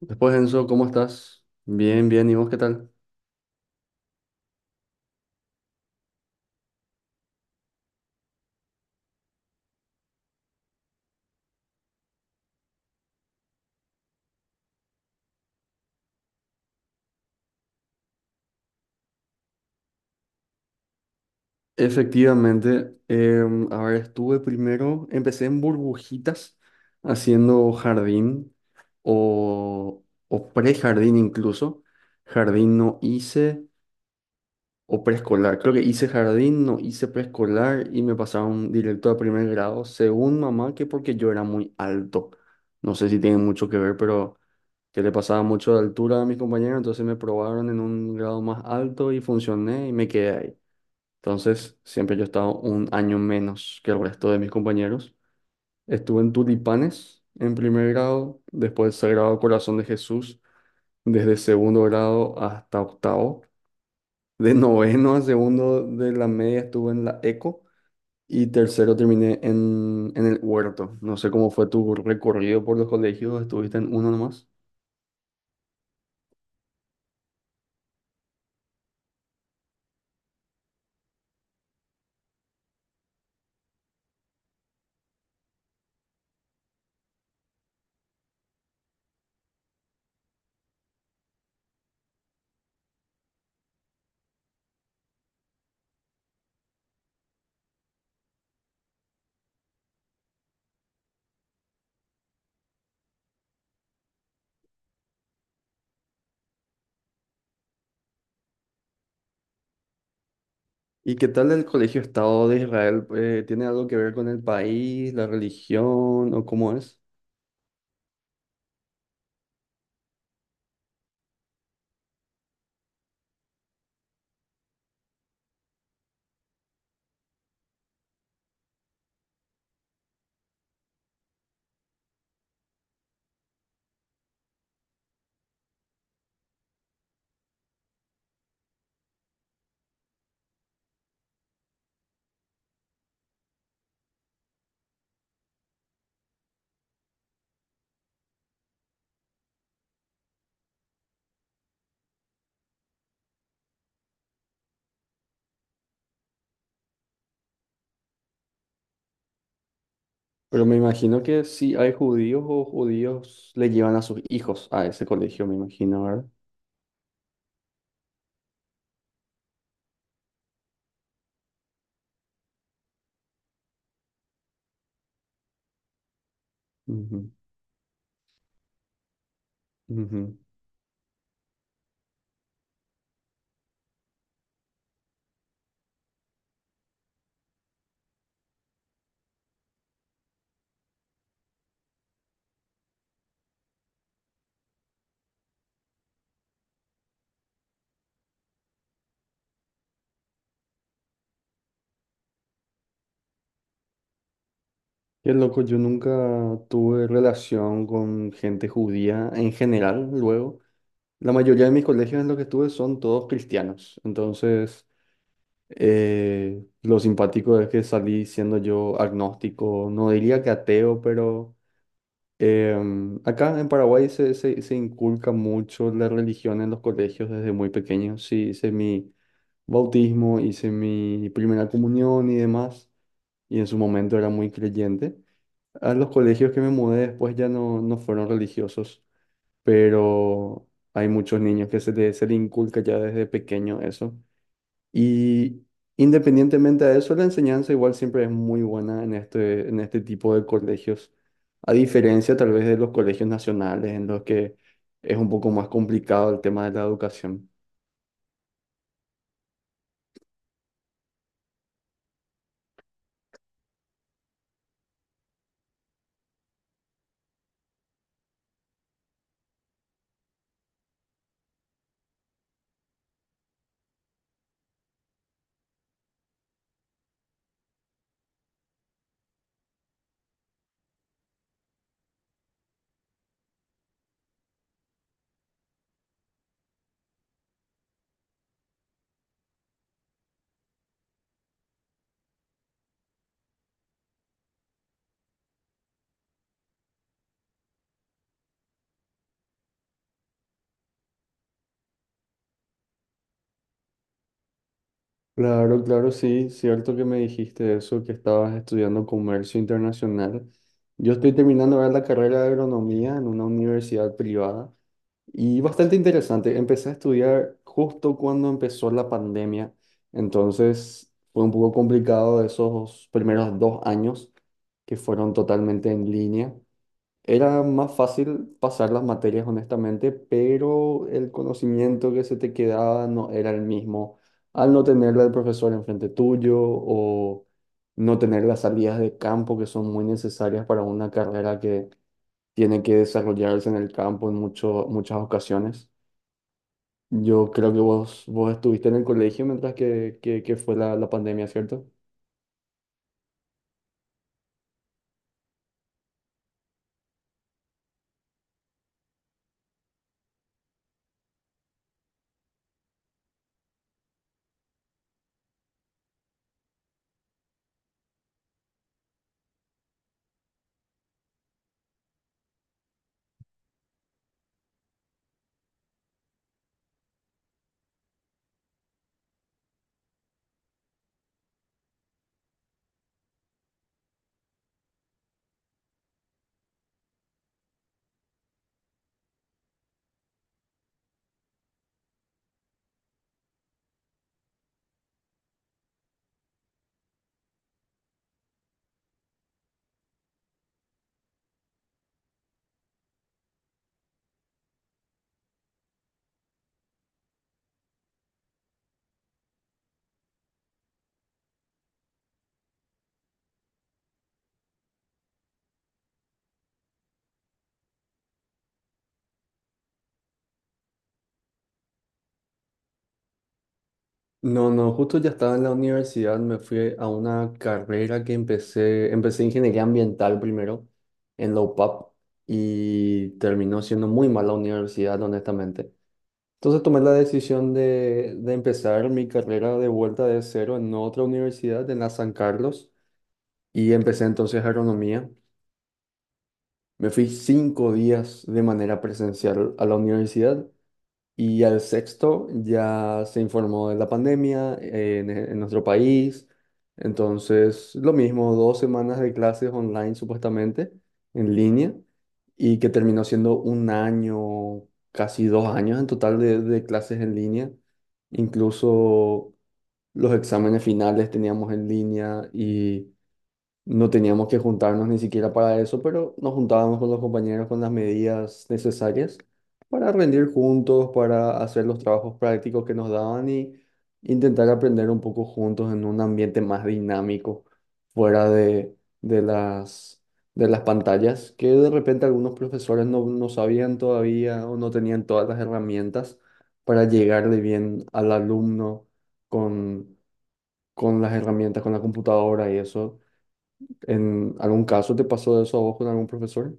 Después, Enzo, ¿cómo estás? Bien, bien, ¿y vos qué tal? Efectivamente, a ver, estuve primero, empecé en burbujitas, haciendo jardín o, o prejardín incluso. Jardín no hice o preescolar. Creo que hice jardín, no hice preescolar y me pasaron directo a primer grado, según mamá, que porque yo era muy alto. No sé si tiene mucho que ver, pero que le pasaba mucho de altura a mis compañeros, entonces me probaron en un grado más alto y funcioné y me quedé ahí. Entonces, siempre yo estaba un año menos que el resto de mis compañeros. Estuve en Tulipanes en primer grado, después Sagrado Corazón de Jesús, desde segundo grado hasta octavo. De noveno a segundo de la media estuve en la ECO y tercero terminé en el Huerto. No sé cómo fue tu recorrido por los colegios, ¿estuviste en uno nomás? ¿Y qué tal el Colegio Estado de Israel? ¿Tiene algo que ver con el país, la religión o cómo es? Pero me imagino que sí hay judíos o judíos le llevan a sus hijos a ese colegio, me imagino, ¿verdad? Ujú, ujú. Qué loco, yo nunca tuve relación con gente judía en general, luego. La mayoría de mis colegios en los que estuve son todos cristianos, entonces lo simpático es que salí siendo yo agnóstico, no diría que ateo, pero. Acá en Paraguay se inculca mucho la religión en los colegios desde muy pequeños. Sí, hice mi bautismo, hice mi primera comunión y demás, y en su momento era muy creyente. A los colegios que me mudé después ya no, no fueron religiosos, pero hay muchos niños que se les se le inculca ya desde pequeño eso. Y independientemente de eso, la enseñanza igual siempre es muy buena en en este tipo de colegios, a diferencia tal vez de los colegios nacionales en los que es un poco más complicado el tema de la educación. Claro, claro, sí, cierto que me dijiste eso, que estabas estudiando comercio internacional. Yo estoy terminando ahora la carrera de agronomía en una universidad privada. Y bastante interesante. Empecé a estudiar justo cuando empezó la pandemia, entonces fue un poco complicado esos primeros 2 años que fueron totalmente en línea. Era más fácil pasar las materias, honestamente, pero el conocimiento que se te quedaba no era el mismo al no tenerla del profesor enfrente tuyo o no tener las salidas de campo que son muy necesarias para una carrera que tiene que desarrollarse en el campo en muchas ocasiones. Yo creo que vos estuviste en el colegio mientras que fue la pandemia, ¿cierto? No, no, justo ya estaba en la universidad, me fui a una carrera que empecé ingeniería ambiental primero en la UPAP y terminó siendo muy mala universidad, honestamente. Entonces tomé la decisión de empezar mi carrera de vuelta de cero en otra universidad, en la San Carlos, y empecé entonces agronomía. Me fui 5 días de manera presencial a la universidad. Y al sexto ya se informó de la pandemia, en nuestro país. Entonces, lo mismo, 2 semanas de clases online supuestamente, en línea, y que terminó siendo un año, casi 2 años en total de clases en línea. Incluso los exámenes finales teníamos en línea y no teníamos que juntarnos ni siquiera para eso, pero nos juntábamos con los compañeros con las medidas necesarias para rendir juntos, para hacer los trabajos prácticos que nos daban y intentar aprender un poco juntos en un ambiente más dinámico, fuera de las pantallas, que de repente algunos profesores no, no sabían todavía o no tenían todas las herramientas para llegarle bien al alumno con, con las herramientas, con la computadora y eso. ¿En algún caso te pasó eso a vos con algún profesor?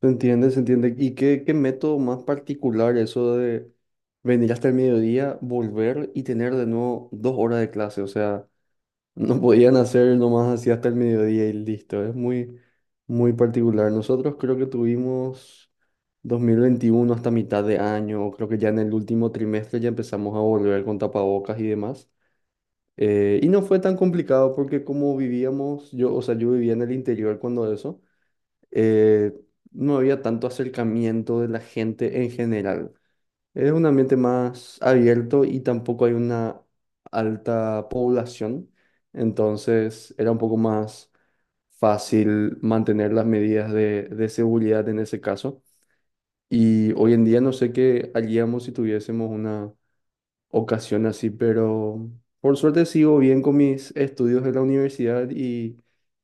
¿Se entiende? ¿Se entiende? ¿Y qué método más particular eso de venir hasta el mediodía, volver y tener de nuevo 2 horas de clase? O sea, no podían hacer nomás así hasta el mediodía y listo. Es muy, muy particular. Nosotros creo que tuvimos 2021 hasta mitad de año, creo que ya en el último trimestre ya empezamos a volver con tapabocas y demás. Y no fue tan complicado porque como vivíamos, yo, o sea, yo vivía en el interior cuando eso. eh, no había tanto acercamiento de la gente en general. Es un ambiente más abierto y tampoco hay una alta población, entonces era un poco más fácil mantener las medidas de seguridad en ese caso. Y hoy en día no sé qué haríamos si tuviésemos una ocasión así, pero por suerte sigo bien con mis estudios de la universidad y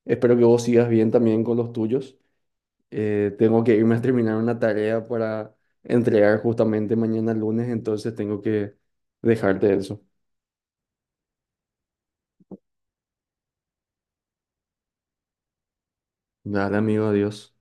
espero que vos sigas bien también con los tuyos. Tengo que irme a terminar una tarea para entregar justamente mañana lunes, entonces tengo que dejarte eso. Dale, amigo, adiós.